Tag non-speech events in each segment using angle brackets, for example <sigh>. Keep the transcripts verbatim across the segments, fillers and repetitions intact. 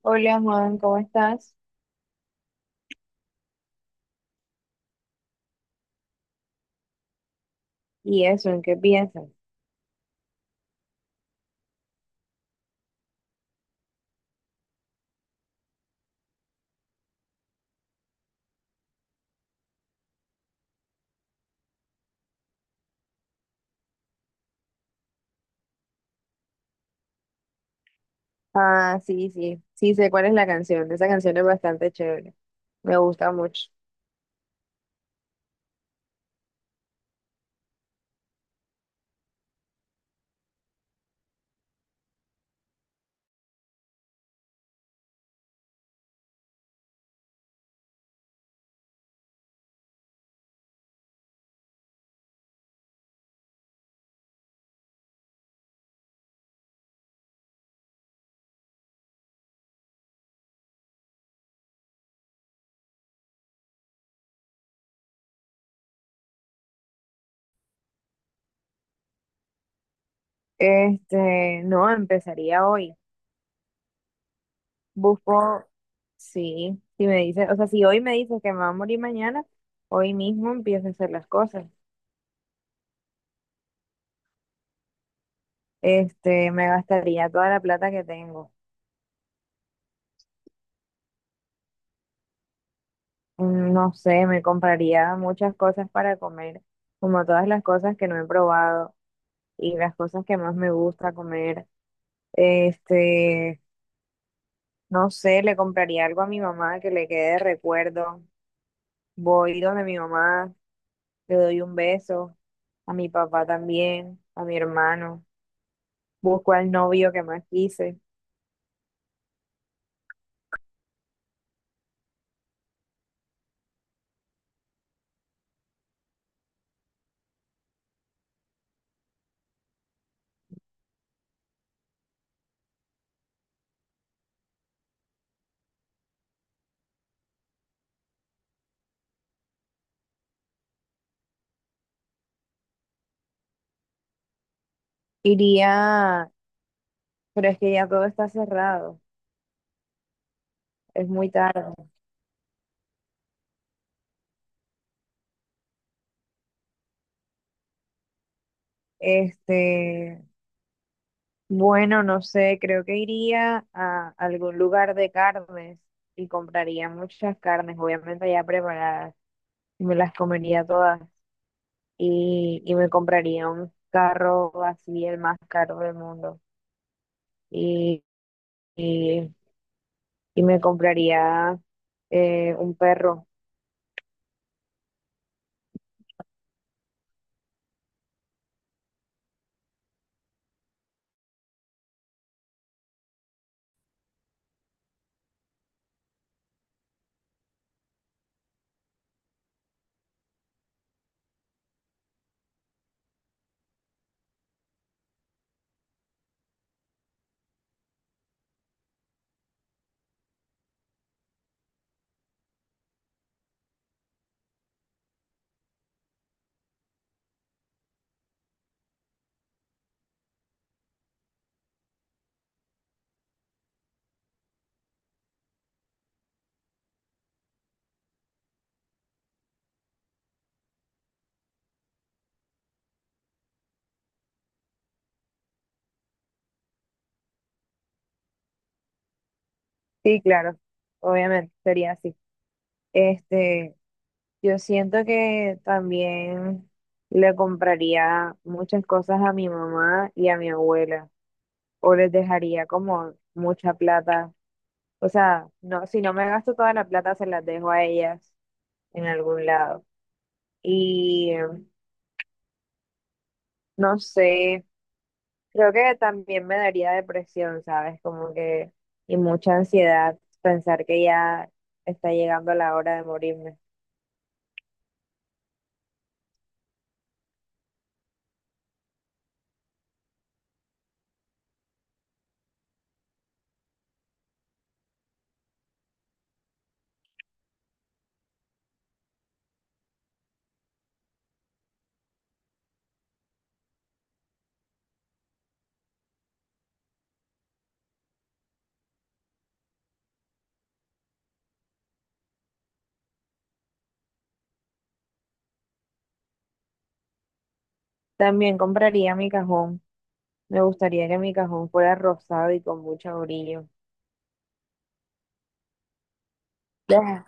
Hola Juan, ¿cómo estás? ¿Y eso, en qué piensas? Ah, sí, sí, sí sé cuál es la canción. Esa canción es bastante chévere. Me gusta mucho. Este, no, empezaría hoy. Busco, sí, si me dices, o sea, si hoy me dices que me va a morir mañana, hoy mismo empiezo a hacer las cosas. Este, me gastaría toda la plata que tengo. Mm, No sé, me compraría muchas cosas para comer, como todas las cosas que no he probado y las cosas que más me gusta comer. Este, no sé, le compraría algo a mi mamá que le quede de recuerdo. Voy donde mi mamá, le doy un beso, a mi papá también, a mi hermano. Busco al novio que más quise. Iría, pero es que ya todo está cerrado, es muy tarde. Este, bueno, no sé, creo que iría a algún lugar de carnes y compraría muchas carnes, obviamente ya preparadas, y me las comería todas. y, y me compraría un carro así, el más caro del mundo. Y, y, y me compraría eh, un perro. Sí, claro, obviamente, sería así. Este, yo siento que también le compraría muchas cosas a mi mamá y a mi abuela, o les dejaría como mucha plata. O sea, no, si no me gasto toda la plata, se las dejo a ellas en algún lado. Y eh, no sé, creo que también me daría depresión, ¿sabes? Como que, y mucha ansiedad pensar que ya está llegando la hora de morirme. También compraría mi cajón. Me gustaría que mi cajón fuera rosado y con mucho brillo. Deja-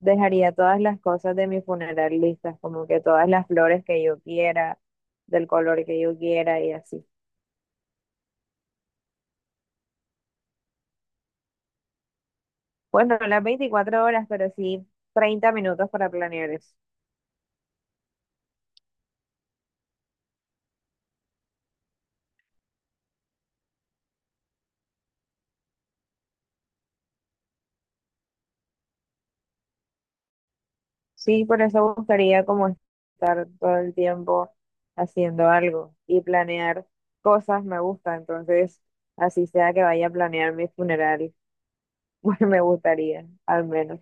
Dejaría todas las cosas de mi funeral listas, como que todas las flores que yo quiera, del color que yo quiera y así. Bueno, no las veinticuatro horas, pero sí treinta minutos para planear eso. Sí, por eso buscaría como estar todo el tiempo haciendo algo y planear cosas me gusta, entonces así sea que vaya a planear mi funeral, <laughs> pues me gustaría, al menos.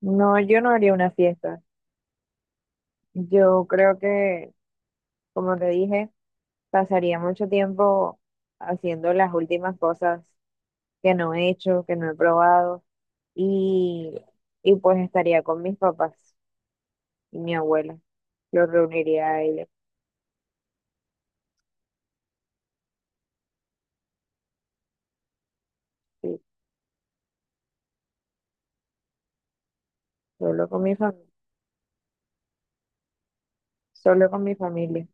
No, yo no haría una fiesta. Yo creo que, como te dije, pasaría mucho tiempo haciendo las últimas cosas que no he hecho, que no he probado y, y pues estaría con mis papás y mi abuela. Los reuniría a ellos. Sí. Solo con mi familia, solo con mi familia.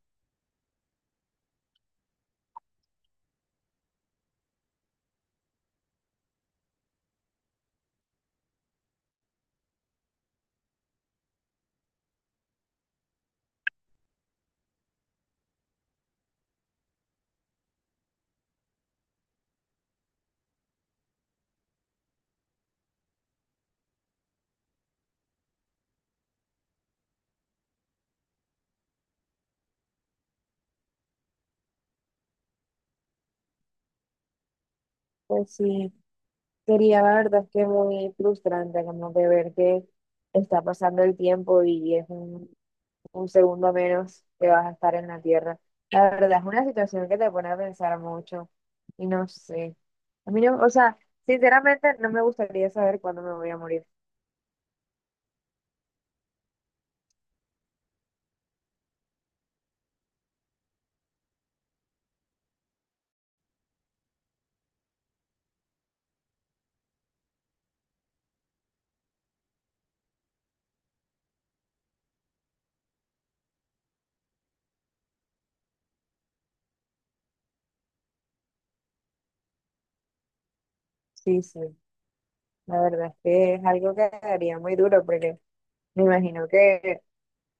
Pues sí, sería la verdad es que muy frustrante como de ver que está pasando el tiempo y es un, un segundo menos que vas a estar en la tierra. La verdad es una situación que te pone a pensar mucho y no sé. A mí no, o sea, sinceramente no me gustaría saber cuándo me voy a morir. Sí, sí, la verdad es que es algo que daría muy duro porque me imagino que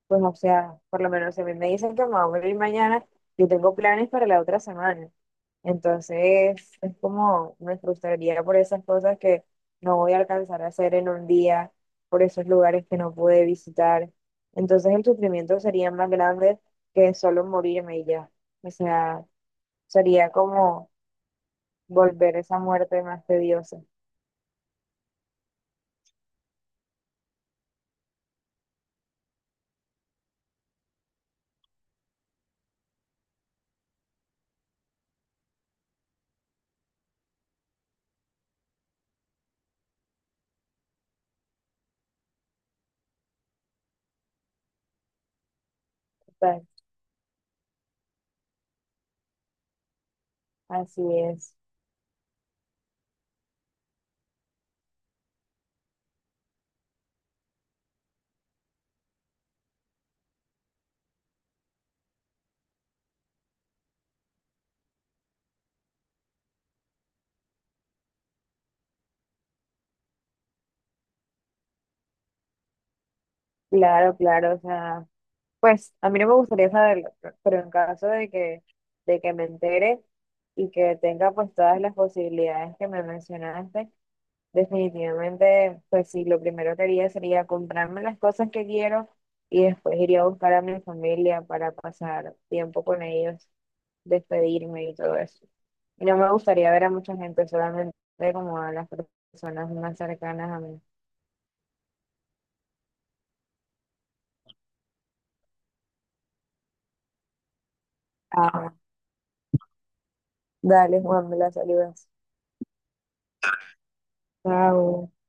pues, o sea, por lo menos si a mí me dicen que me voy a ir mañana, yo tengo planes para la otra semana. Entonces, es como me frustraría por esas cosas que no voy a alcanzar a hacer en un día, por esos lugares que no pude visitar. Entonces, el sufrimiento sería más grande que solo morirme y ya. O sea, sería como volver esa muerte más tediosa. Total, así es. Claro, claro. O sea, pues a mí no me gustaría saberlo, pe- pero en caso de que, de que me entere y que tenga pues todas las posibilidades que me mencionaste, definitivamente pues sí, lo primero que haría sería comprarme las cosas que quiero y después iría a buscar a mi familia para pasar tiempo con ellos, despedirme y todo eso. Y no me gustaría ver a mucha gente, solamente como a las personas más cercanas a mí. Ah, dale, Juan, me la saludas. Chao.